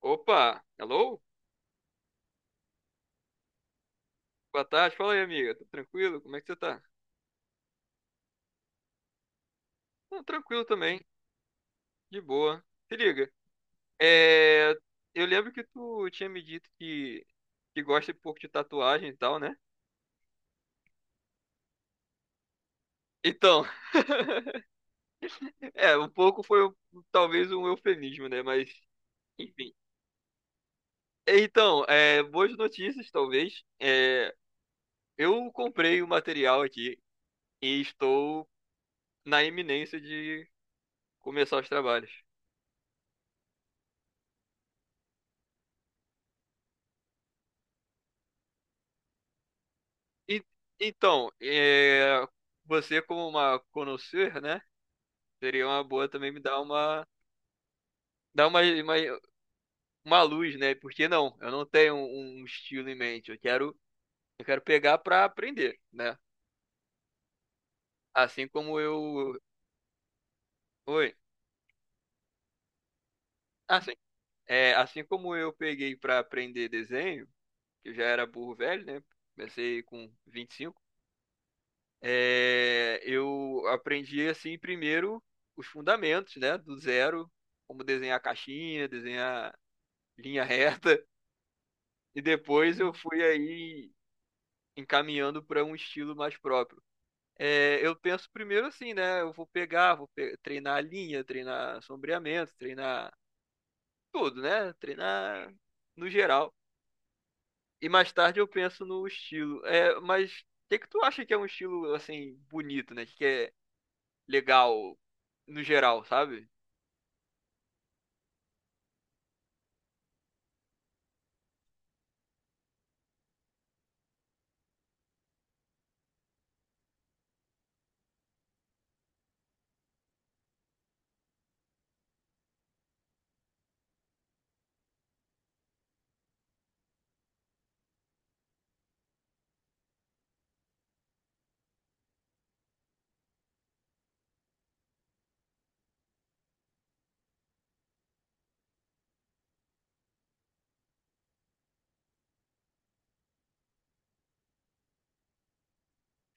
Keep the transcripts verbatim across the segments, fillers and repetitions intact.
Opa, hello? Boa tarde, fala aí, amiga. Tudo tranquilo? Como é que você tá? Não, tranquilo também, de boa. Se liga. É, eu lembro que tu tinha me dito que, que gosta um pouco de tatuagem e tal, né? Então, é, um pouco foi um- talvez um eufemismo, né? Mas, enfim. Então, é, boas notícias, talvez. É, eu comprei o material aqui e estou na iminência de começar os trabalhos. E- Então, é, você como uma conhecer, né? Seria uma boa também me dar uma, dar uma, uma, uma luz, né? Porque não, eu não tenho um um estilo em mente. Eu quero, eu quero pegar para aprender, né? Assim como eu, oi, assim, é, assim como eu peguei para aprender desenho, que eu já era burro velho, né? Comecei com vinte e cinco. É, eu aprendi assim primeiro os fundamentos, né? Do zero, como desenhar caixinha, desenhar linha reta, e depois eu fui aí encaminhando para um estilo mais próprio. É, eu penso primeiro assim, né? Eu vou pegar, vou pe- treinar a linha, treinar sombreamento, treinar tudo, né? Treinar no geral. E mais tarde eu penso no estilo. É, mas o que que tu acha que é um estilo assim bonito, né? Que é legal no geral, sabe?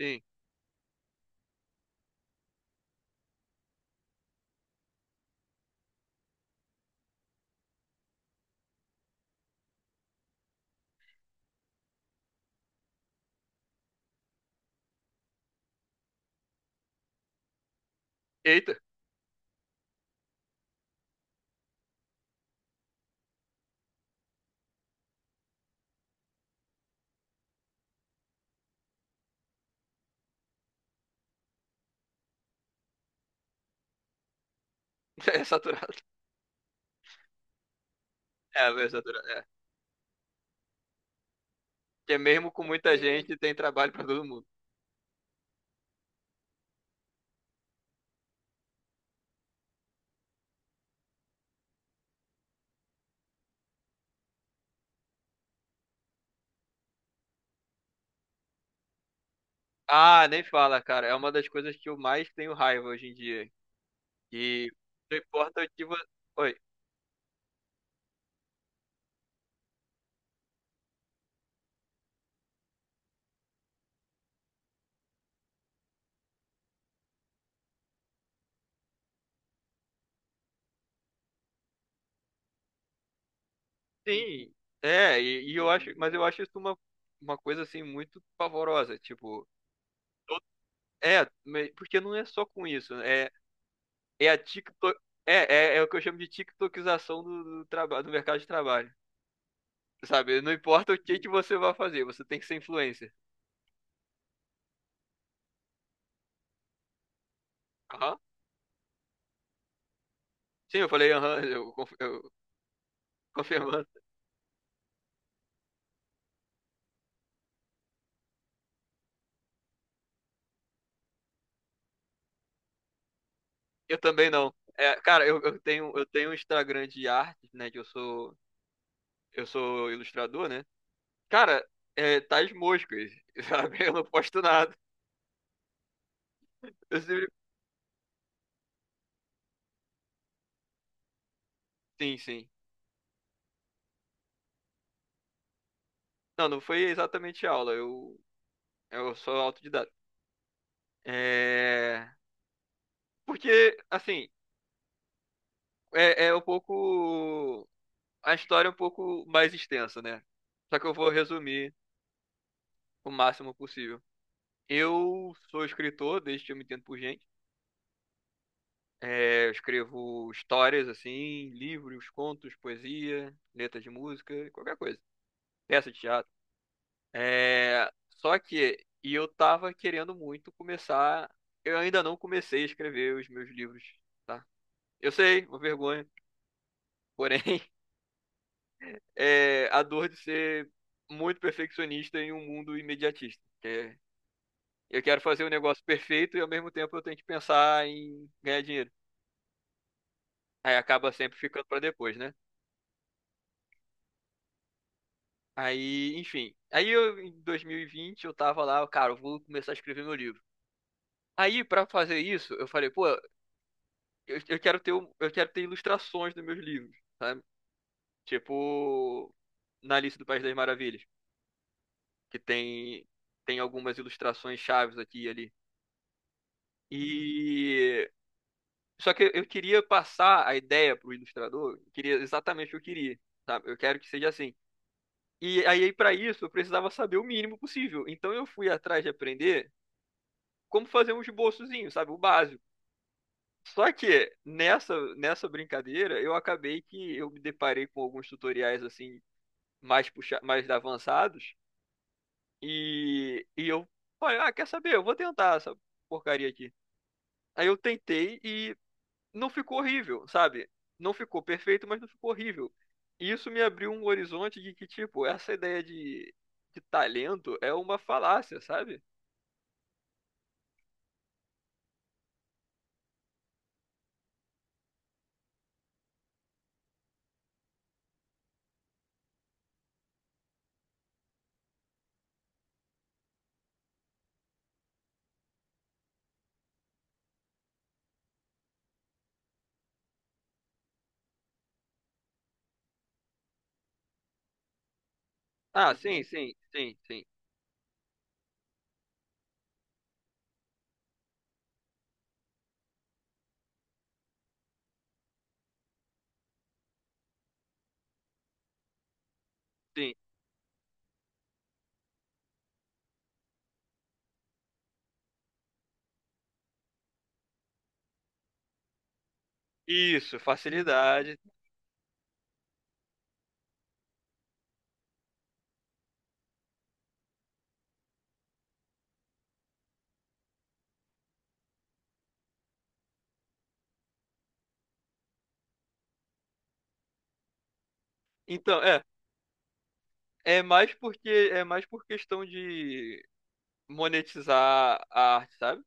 Sim. Eita, é saturado. É, é saturado. É. Porque mesmo com muita gente tem trabalho para todo mundo. Ah, nem fala, cara. É uma das coisas que eu mais tenho raiva hoje em dia. E não importa o que você. Oi. Sim, é, e, e eu acho, mas eu acho isso uma, uma coisa assim muito pavorosa. Tipo, to- é, me- porque não é só com isso, né? É, é a TikTok. É, é, é o que eu chamo de TikTokização do, do trabalho, do mercado de trabalho. Sabe? Não importa o que que você vai fazer, você tem que ser influencer. Aham. Sim, eu falei, aham, eu, conf- eu confirmando. Eu também não. É, cara, eu, eu tenho eu tenho um Instagram de arte, né? Que eu sou eu sou ilustrador, né? Cara, é, tá as moscas, sabe? Eu não posto nada. Eu sempre- Sim, sim. Não, não foi exatamente aula. Eu eu sou autodidata. É... Porque assim, é, é um pouco a história é um pouco mais extensa, né? Só que eu vou resumir o máximo possível. Eu sou escritor desde que eu me entendo por gente. É, eu escrevo histórias, assim, livros, contos, poesia, letra de música, qualquer coisa. Peça de teatro. É, só que, e eu tava querendo muito começar. Eu ainda não comecei a escrever os meus livros, tá? Eu sei, uma vergonha. Porém, é a dor de ser muito perfeccionista em um mundo imediatista, que é, eu quero fazer um negócio perfeito e ao mesmo tempo eu tenho que pensar em ganhar dinheiro. Aí acaba sempre ficando pra depois, né? Aí, enfim. Aí eu, em dois mil e vinte, eu tava lá, cara, eu vou começar a escrever meu livro. Aí, pra fazer isso, eu falei, pô, eu, eu quero ter, um- eu quero ter ilustrações dos meus livros, sabe? Tipo, na Alice do País das Maravilhas, que tem, tem algumas ilustrações chaves aqui e ali. E. Só que eu queria passar a ideia pro ilustrador, eu queria exatamente o que eu queria, sabe? Eu quero que seja assim. E aí, pra isso, eu precisava saber o mínimo possível. Então, eu fui atrás de aprender como fazer um esboçozinho, sabe? O básico. Só que nessa, nessa brincadeira, eu acabei que eu me deparei com alguns tutoriais assim, mais puxa, mais avançados, e, e eu falei, ah, quer saber? Eu vou tentar essa porcaria aqui. Aí eu tentei e não ficou horrível, sabe? Não ficou perfeito, mas não ficou horrível. E isso me abriu um horizonte de que, tipo, essa ideia de, de talento é uma falácia, sabe? Ah, sim, sim, sim, sim, sim. Isso, facilidade. Então, é. É mais porque é mais por questão de monetizar a arte, sabe?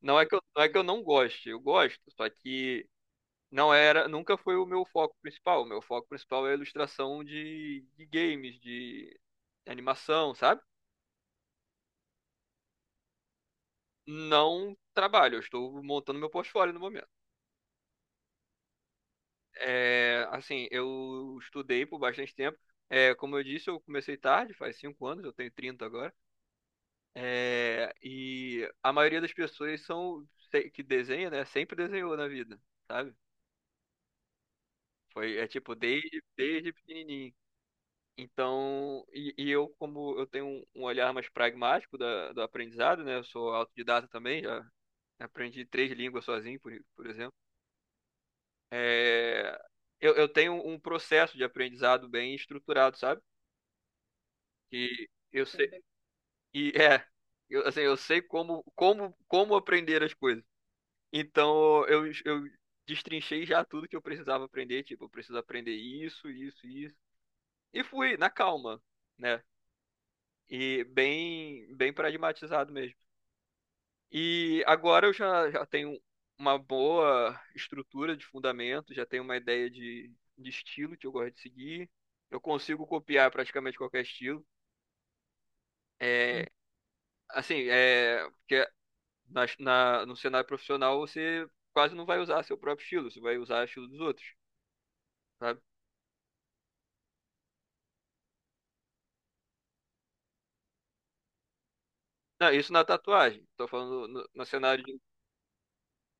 Não é que eu, não é que eu não goste, eu gosto, só que não era, nunca foi o meu foco principal. O meu foco principal é a ilustração de, de games, de animação, sabe? Não trabalho, eu estou montando meu portfólio no momento. É, assim, eu estudei por bastante tempo. É, como eu disse, eu comecei tarde, faz cinco anos, eu tenho trinta agora. É, e a maioria das pessoas são se- que desenha, né? Sempre desenhou na vida, sabe? Foi, é tipo, desde, desde pequenininho. Então, e, e eu, como eu tenho um, um olhar mais pragmático da, do aprendizado, né? Eu sou autodidata também, já aprendi três línguas sozinho, por, por exemplo. É, eu, eu tenho um processo de aprendizado bem estruturado, sabe? Que eu sei, e é, eu, assim, eu sei como, como, como aprender as coisas. Então eu, eu destrinchei já tudo que eu precisava aprender, tipo, eu preciso aprender isso, isso, isso. E fui na calma, né? E bem, bem pragmatizado mesmo. E agora eu já, já tenho uma boa estrutura de fundamento, já tenho uma ideia de, de estilo que eu gosto de seguir. Eu consigo copiar praticamente qualquer estilo. É, assim, é, porque na, na- no cenário profissional você quase não vai usar seu próprio estilo, você vai usar o estilo dos outros, sabe? Não, isso na tatuagem. Tô falando no, no cenário de.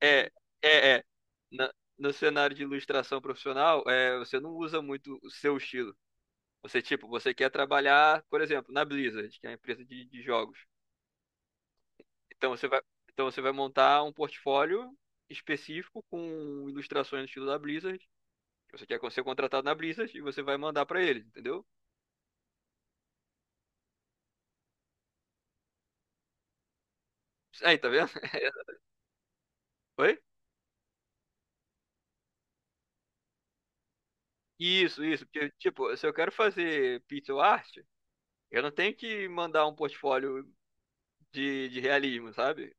É, é, é. Na- no cenário de ilustração profissional, é, você não usa muito o seu estilo. Você, tipo, você quer trabalhar, por exemplo, na Blizzard, que é a empresa de, de jogos. Então você vai, então você vai montar um portfólio específico com ilustrações no estilo da Blizzard. Você quer ser contratado na Blizzard e você vai mandar pra eles, entendeu? Aí, tá vendo? Oi? Isso, isso. Porque, tipo, se eu quero fazer pixel art, eu não tenho que mandar um portfólio de, de realismo, sabe?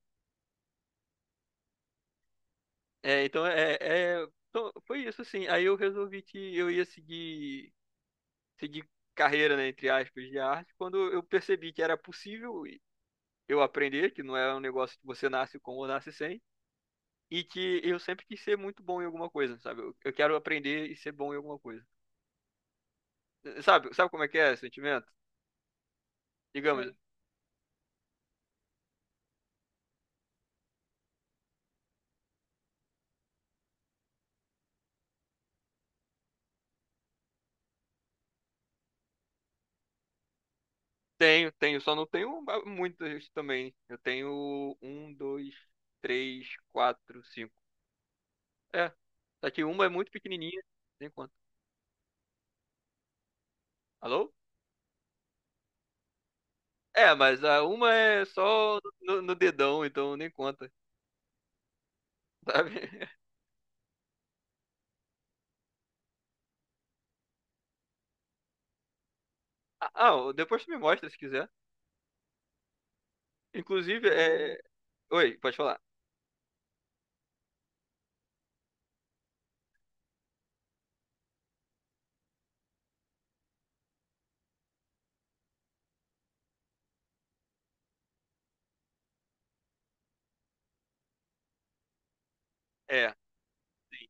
É, então é, é- então, foi isso assim. Aí eu resolvi que eu ia seguir seguir carreira, né, entre aspas, de arte, quando eu percebi que era possível eu aprender, que não é um negócio que você nasce com ou nasce sem, e que eu sempre quis ser muito bom em alguma coisa, sabe? Eu, eu quero aprender e ser bom em alguma coisa. Eh, Sabe, sabe como é que é esse sentimento? Digamos. Sei. tenho, tenho, só não tenho muitos também. Eu tenho um, dois, três, quatro, cinco. É. Só que uma é muito pequenininha, nem conta. Alô? É, mas a uma é só no, no dedão, então nem conta, sabe? Ah, ah, depois tu me mostra se quiser. Inclusive, é. Oi, pode falar. É, sim,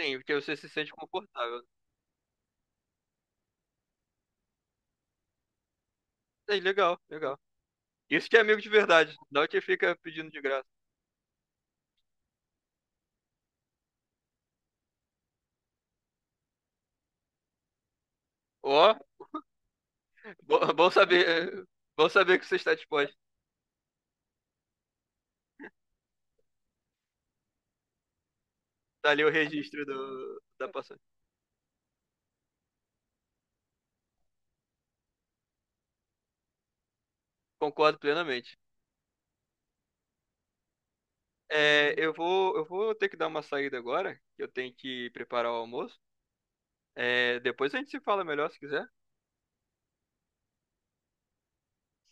sim, porque você se sente confortável. É, legal, legal. Isso que é amigo de verdade, não que fica pedindo de graça. Ó, bo- bom saber, bom saber que você está disposto. Tá ali o registro do, da passagem. Concordo plenamente. É, eu vou, eu vou, ter que dar uma saída agora, que eu tenho que preparar o almoço. É, depois a gente se fala melhor se quiser.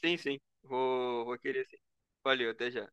Sim, sim. Vou, vou querer sim. Valeu, até já.